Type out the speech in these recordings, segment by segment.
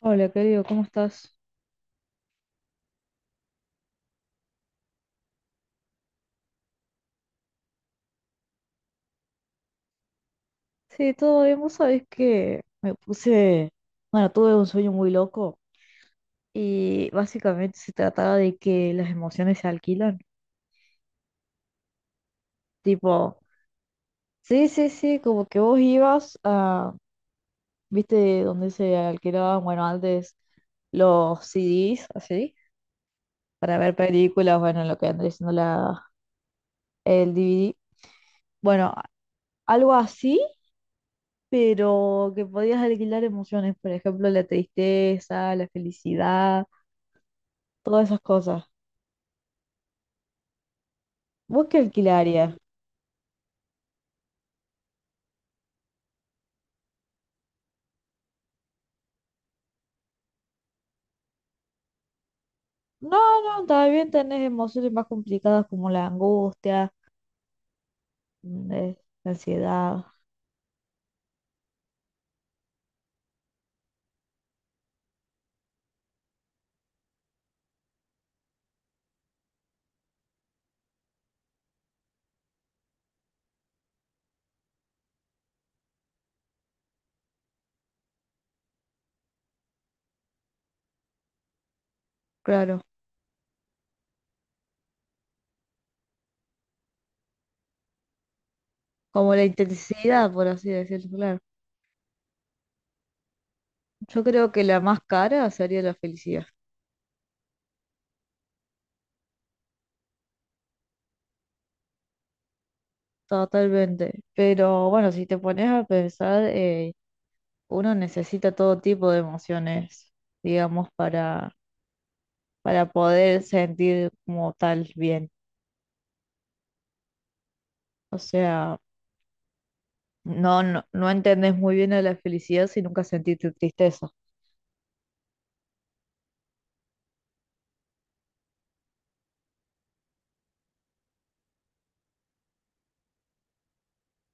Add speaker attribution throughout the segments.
Speaker 1: Hola, querido, ¿cómo estás? Sí, todo bien. Vos sabés que me puse, bueno, tuve un sueño muy loco y básicamente se trataba de que las emociones se alquilan. Tipo, sí, sí, sí, como que vos ibas a, viste, donde se alquilaban, bueno, antes los CDs, así, para ver películas, bueno, lo que andrés siendo la, el DVD. Bueno, algo así, pero que podías alquilar emociones, por ejemplo, la tristeza, la felicidad. Todas esas cosas. ¿Vos qué alquilarías? No, no, también tenés emociones más complicadas como la angustia, mm, eh, la ansiedad, claro, como la intensidad, por así decirlo, claro. Yo creo que la más cara sería la felicidad, totalmente. Pero bueno, si te pones a pensar, uno necesita todo tipo de emociones, digamos, para poder sentir como tal bien. O sea... No, no, no entendés muy bien de la felicidad si nunca sentiste tristeza.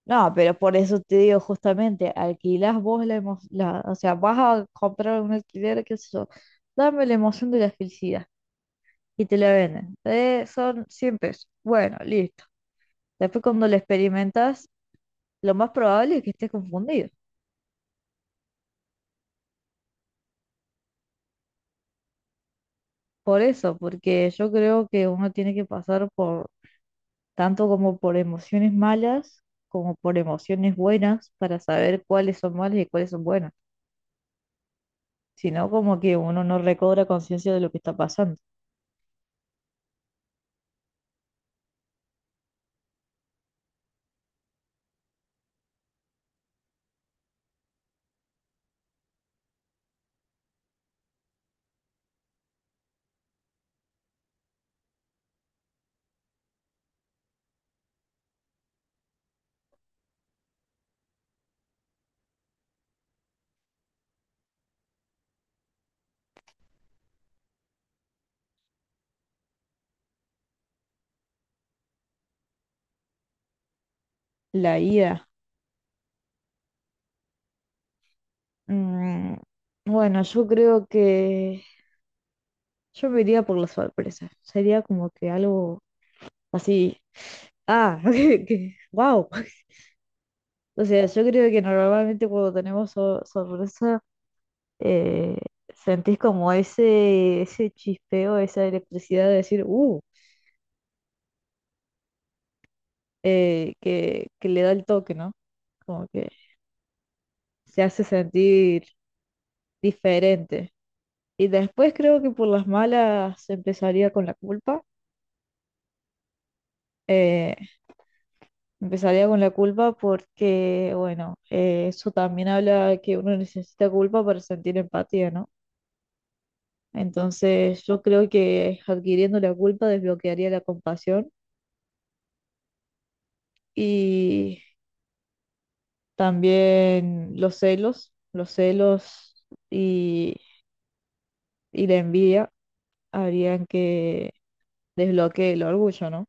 Speaker 1: No, pero por eso te digo justamente, alquilás vos la emoción, o sea, vas a comprar un alquiler, qué sé yo, dame la emoción de la felicidad y te la venden. Son 100 pesos. Bueno, listo. Después cuando la experimentas, lo más probable es que estés confundido. Por eso, porque yo creo que uno tiene que pasar por tanto como por emociones malas como por emociones buenas para saber cuáles son malas y cuáles son buenas. Sino como que uno no recobra conciencia de lo que está pasando. La IA. mm, bueno, yo creo que yo me iría por la sorpresa. Sería como que algo así. Ah, que, wow. O sea, yo creo que normalmente cuando tenemos sorpresa, eh, sentís como ese chispeo, esa electricidad de decir, que le da el toque, ¿no? Como que se hace sentir diferente. Y después creo que por las malas empezaría con la culpa. Eh, Empezaría con la culpa porque, bueno, eso también habla que uno necesita culpa para sentir empatía, ¿no? Entonces yo creo que adquiriendo la culpa desbloquearía la compasión y también los celos y la envidia harían que desbloquee el orgullo, ¿no?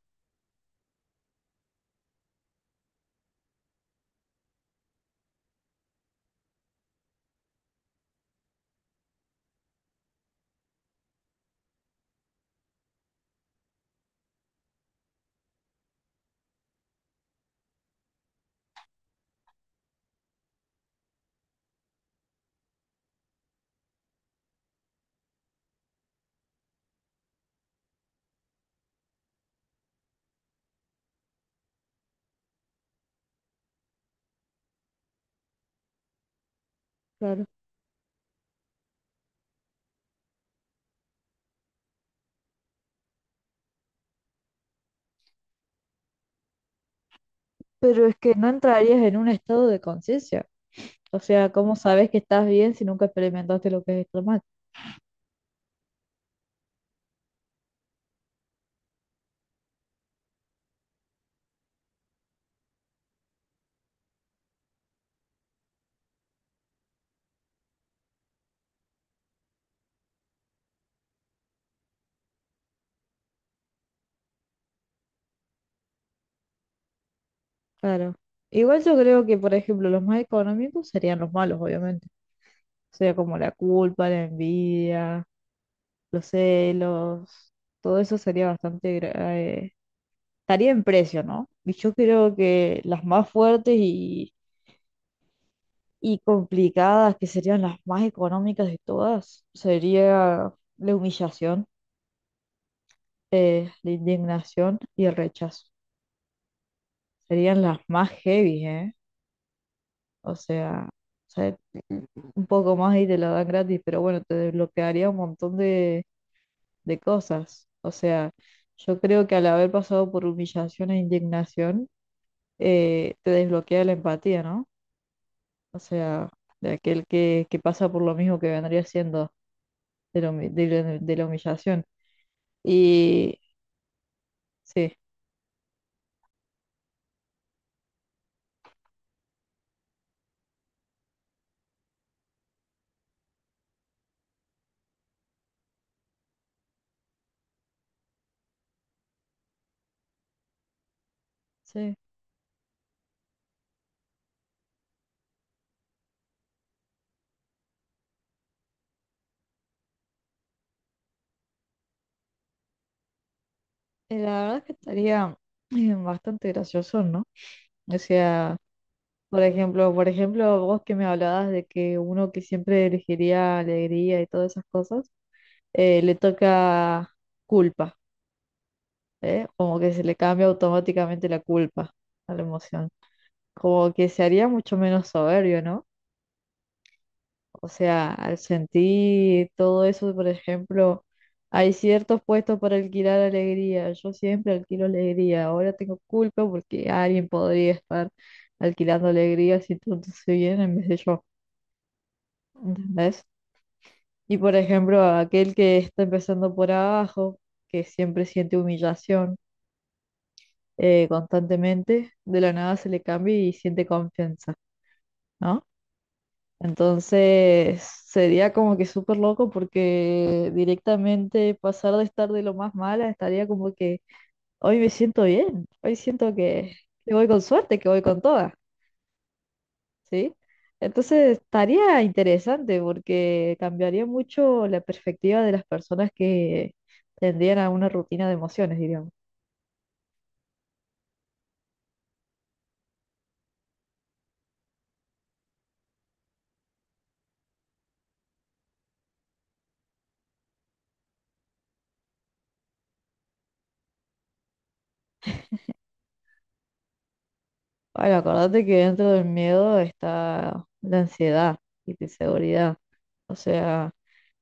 Speaker 1: Claro. Pero es que no entrarías en un estado de conciencia. O sea, ¿cómo sabes que estás bien si nunca experimentaste lo que es estar mal? Claro. Igual yo creo que, por ejemplo, los más económicos serían los malos, obviamente. O sea, como la culpa, la envidia, los celos, todo eso sería bastante... estaría en precio, ¿no? Y yo creo que las más fuertes y complicadas, que serían las más económicas de todas, sería la humillación, la indignación y el rechazo. Serían las más heavy, ¿eh? O sea, o un poco más y te la dan gratis, pero bueno, te desbloquearía un montón de cosas. O sea, yo creo que al haber pasado por humillación e indignación, te desbloquea la empatía, ¿no? O sea, de aquel que pasa por lo mismo que vendría siendo de la, de de la humillación. Y sí, sí. La verdad es que estaría bastante gracioso, ¿no? O sea... por ejemplo, vos que me hablabas de que uno que siempre elegiría alegría y todas esas cosas, le toca culpa, ¿eh? Como que se le cambia automáticamente la culpa a la emoción. Como que se haría mucho menos soberbio, ¿no? O sea, al sentir todo eso, por ejemplo, hay ciertos puestos para alquilar alegría. Yo siempre alquilo alegría. Ahora tengo culpa porque alguien podría estar alquilando alegría si tú no bien en vez de yo. ¿Entendés? Y por ejemplo, a aquel que está empezando por abajo, que siempre siente humillación constantemente, de la nada se le cambia y siente confianza, ¿no? Entonces sería como que súper loco porque directamente pasar de estar de lo más mala estaría como que hoy me siento bien, hoy siento que voy con suerte, que voy con toda. ¿Sí? Entonces estaría interesante porque cambiaría mucho la perspectiva de las personas que tendrían a una rutina de emociones, diríamos. Ay, acordate que dentro del miedo está la ansiedad y la inseguridad. O sea,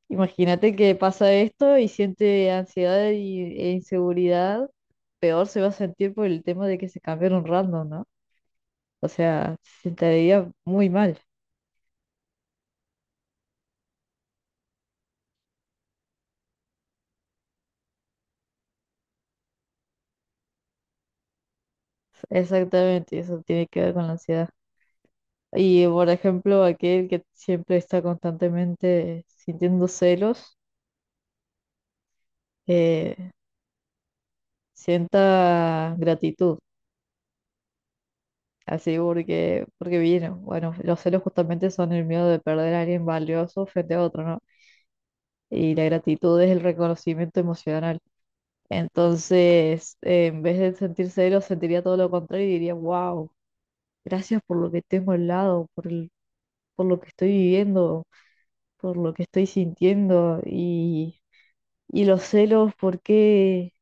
Speaker 1: imagínate que pasa esto y siente ansiedad e inseguridad, peor se va a sentir por el tema de que se cambiaron random, ¿no? O sea, se sentiría muy mal. Exactamente, eso tiene que ver con la ansiedad. Y por ejemplo, aquel que siempre está constantemente sintiendo celos, eh, sienta gratitud, así porque, porque vino. Bueno, los celos justamente son el miedo de perder a alguien valioso frente a otro, ¿no? Y la gratitud es el reconocimiento emocional. Entonces, en vez de sentir celos, sentiría todo lo contrario y diría, wow, gracias por lo que tengo al lado, por lo que estoy viviendo, por lo que estoy sintiendo. Y y los celos,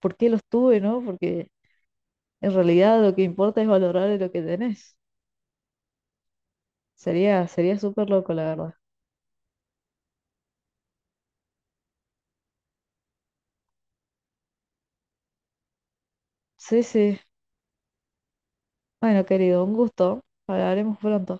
Speaker 1: por qué los tuve, no? Porque en realidad lo que importa es valorar lo que tenés. Sería, sería súper loco, la verdad. Sí, sí. Bueno, querido, un gusto. Hablaremos pronto.